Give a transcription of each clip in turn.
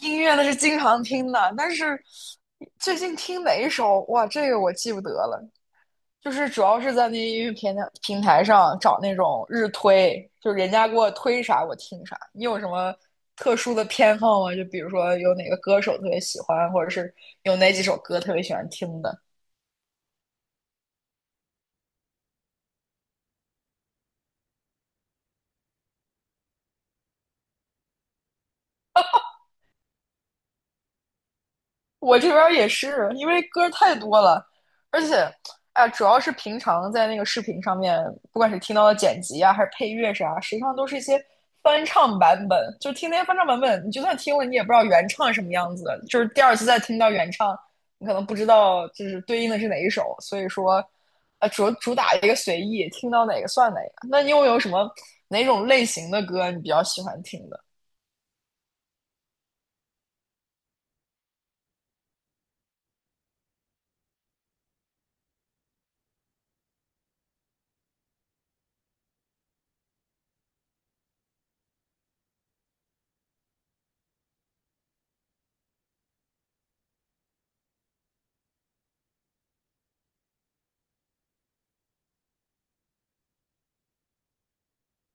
音乐那是经常听的，但是最近听哪一首，哇，这个我记不得了。就是主要是在那音乐平台上找那种日推，就是人家给我推啥我听啥。你有什么特殊的偏好吗？就比如说有哪个歌手特别喜欢，或者是有哪几首歌特别喜欢听的？我这边儿也是，因为歌太多了，而且，哎，主要是平常在那个视频上面，不管是听到的剪辑啊，还是配乐啥，实际上都是一些翻唱版本。就听那些翻唱版本，你就算听了，你也不知道原唱什么样子的，就是第二次再听到原唱，你可能不知道就是对应的是哪一首。所以说，主打一个随意，听到哪个算哪个。那你又有什么哪种类型的歌你比较喜欢听的？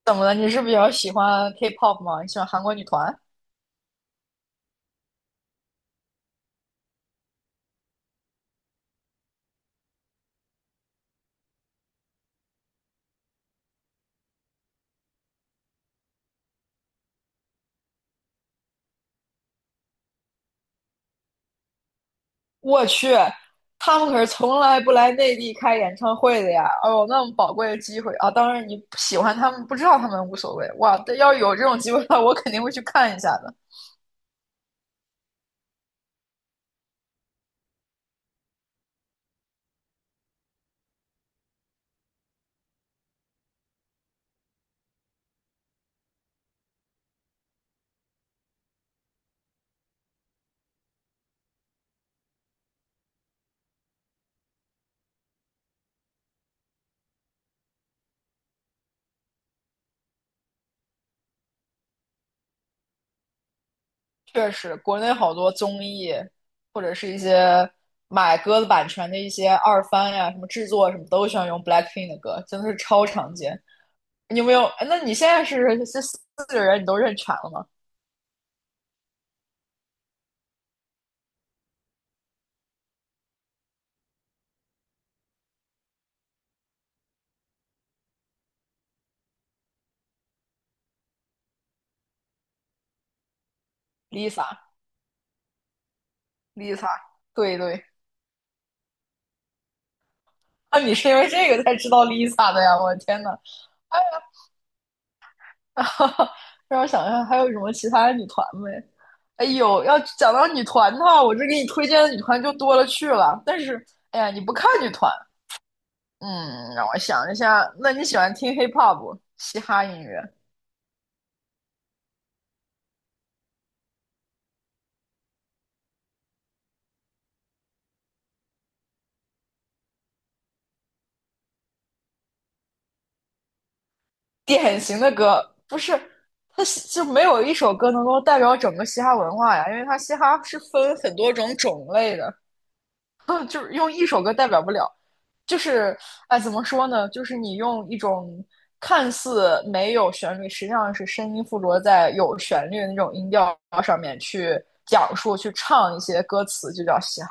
怎么了？你是比较喜欢 K-pop 吗？你喜欢韩国女团？我去，他们可是从来不来内地开演唱会的呀！哦，那么宝贵的机会啊！当然，你喜欢他们，不知道他们无所谓。哇，但要有这种机会的话，我肯定会去看一下的。确实，国内好多综艺，或者是一些买歌的版权的一些二番呀，什么制作什么，都喜欢用 BLACKPINK 的歌，真的是超常见。你有没有？哎，那你现在是这四个人你都认全了吗？Lisa，Lisa，对对，啊，你是因为这个才知道 Lisa 的呀！我的天呐！哎，让我想一下，还有什么其他的女团没？哎呦，要讲到女团的话，我这给你推荐的女团就多了去了。但是，哎呀，你不看女团，嗯，让我想一下，那你喜欢听 hip hop 嘻哈音乐？典型的歌不是，它就没有一首歌能够代表整个嘻哈文化呀，因为它嘻哈是分很多种种类的，就是用一首歌代表不了。就是哎，怎么说呢？就是你用一种看似没有旋律，实际上是声音附着在有旋律的那种音调上面去讲述、去唱一些歌词，就叫嘻哈，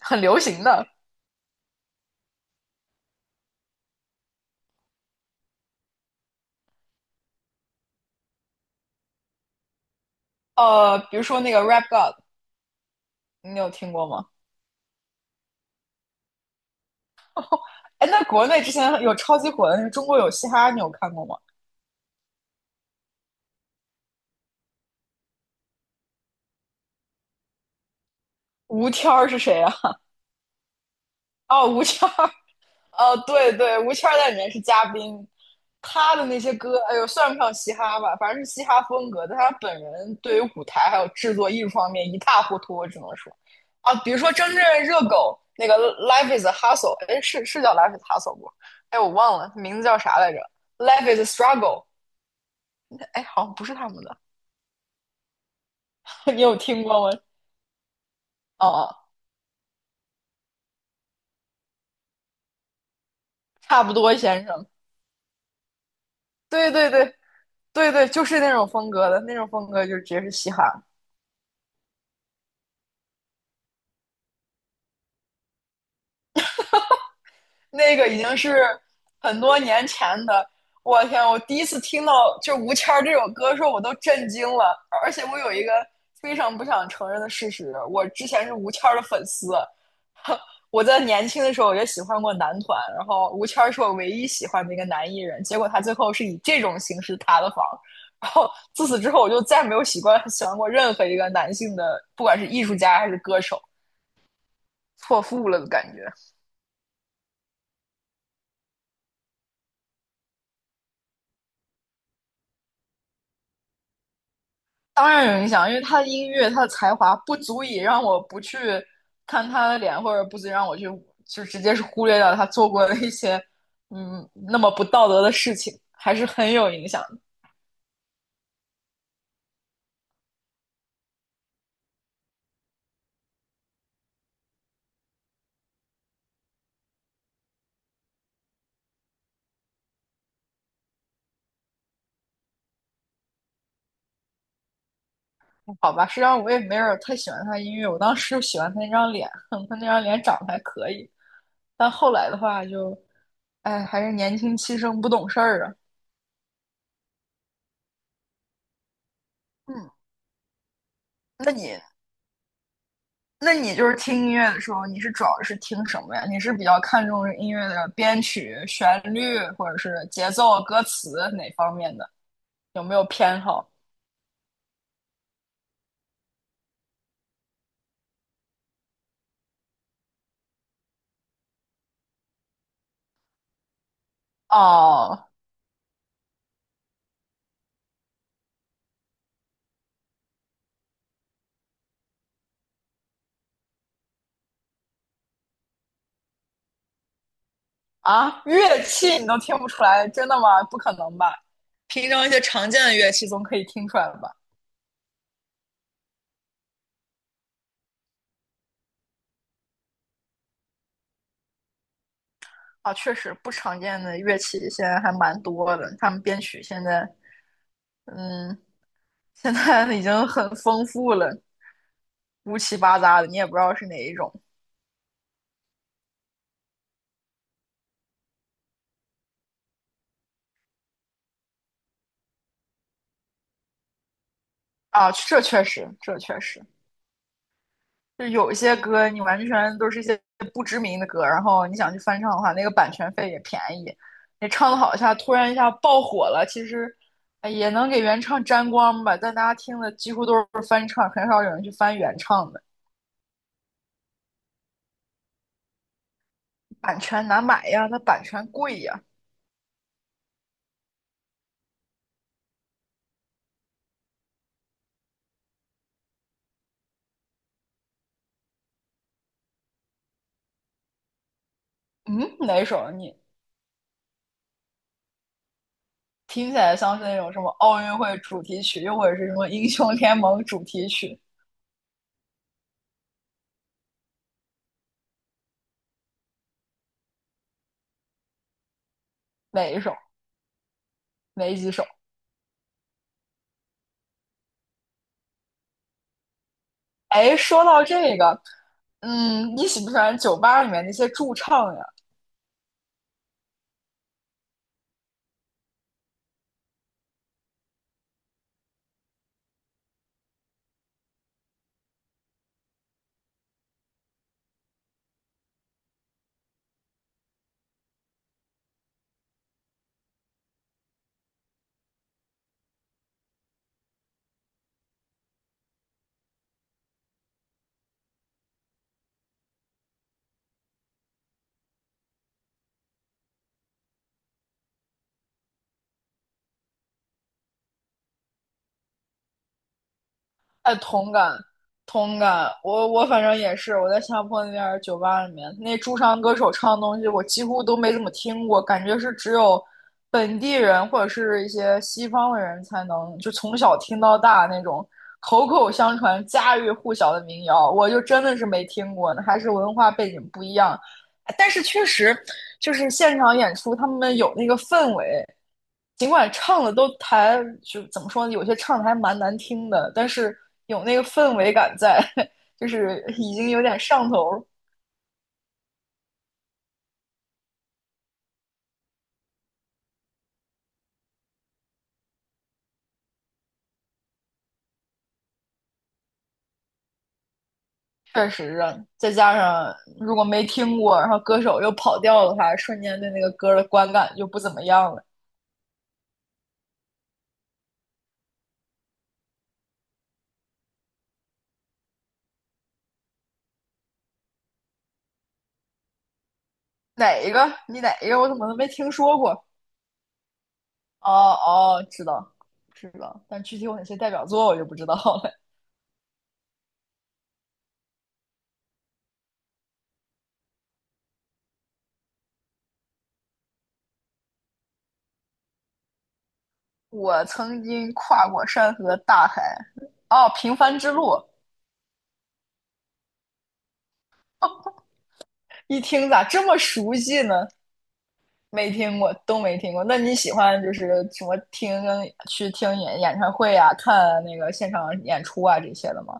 很流行的。呃，比如说那个 Rap God，你有听过吗？哎，那国内之前有超级火的，中国有嘻哈，你有看过吗？吴天儿是谁啊？哦，吴天儿，呃，对对，吴谦儿在里面是嘉宾，他的那些歌，哎呦，算不上嘻哈吧，反正是嘻哈风格，但他本人对于舞台还有制作艺术方面一塌糊涂，我只能说，啊，比如说真正热狗那个《Life Is a Hustle》，哎，是是叫《Life Is a Hustle》不？哎，我忘了名字叫啥来着，《Life Is a Struggle》，哎，好像不是他们的，你有听过吗？哦，差不多，先生，对对对对对，就是那种风格的，那种风格就直接是嘻哈。那个已经是很多年前的。我天！我第一次听到就吴谦这首歌的时候，我都震惊了。而且我有一个非常不想承认的事实，我之前是吴谦的粉丝。我在年轻的时候也喜欢过男团，然后吴谦是我唯一喜欢的一个男艺人。结果他最后是以这种形式塌了房。然后自此之后，我就再没有喜欢过任何一个男性的，不管是艺术家还是歌手，错付了的感觉。当然有影响，因为他的音乐，他的才华不足以让我不去看他的脸，或者不足以让我去就直接是忽略掉他做过的一些嗯那么不道德的事情，还是很有影响的。好吧，实际上我也没有太喜欢他音乐，我当时就喜欢他那张脸，他那张脸长得还可以，但后来的话就，哎，还是年轻气盛不懂事儿啊。嗯，那你那你就是听音乐的时候，你是主要是听什么呀？你是比较看重音乐的编曲、旋律，或者是节奏、歌词哪方面的？有没有偏好？哦，啊，乐器你都听不出来，真的吗？不可能吧？平常一些常见的乐器总可以听出来吧？啊，确实不常见的乐器现在还蛮多的，他们编曲现在，嗯，现在已经很丰富了，乌七八杂的，你也不知道是哪一种啊。这确实，这确实。就有一些歌你完全都是一些不知名的歌，然后你想去翻唱的话，那个版权费也便宜。你唱的好一下，突然一下爆火了，其实哎也能给原唱沾光吧，但大家听的几乎都是翻唱，很少有人去翻原唱的。版权难买呀，它版权贵呀。嗯，哪首？你听起来像是那种什么奥运会主题曲，又或者是什么英雄联盟主题曲？哪一首？哪几首？哎，说到这个，嗯，你喜不喜欢酒吧里面那些驻唱呀？哎，同感，同感。我反正也是，我在新加坡那边儿酒吧里面，那驻唱歌手唱的东西，我几乎都没怎么听过，感觉是只有本地人或者是一些西方的人才能，就从小听到大那种口口相传、家喻户晓的民谣，我就真的是没听过呢，还是文化背景不一样。但是确实就是现场演出，他们有那个氛围，尽管唱的都还就怎么说呢，有些唱的还蛮难听的，但是有那个氛围感在，就是已经有点上头。确实啊，再加上如果没听过，然后歌手又跑调的话，瞬间对那个歌的观感就不怎么样了。哪一个？你哪一个？我怎么都没听说过？哦哦，知道知道，但具体有哪些代表作我就不知道了。我曾经跨过山河大海。哦，平凡之路。哦，一听咋这么熟悉呢？没听过，都没听过。那你喜欢就是什么听去听演唱会啊，看那个现场演出啊这些的吗？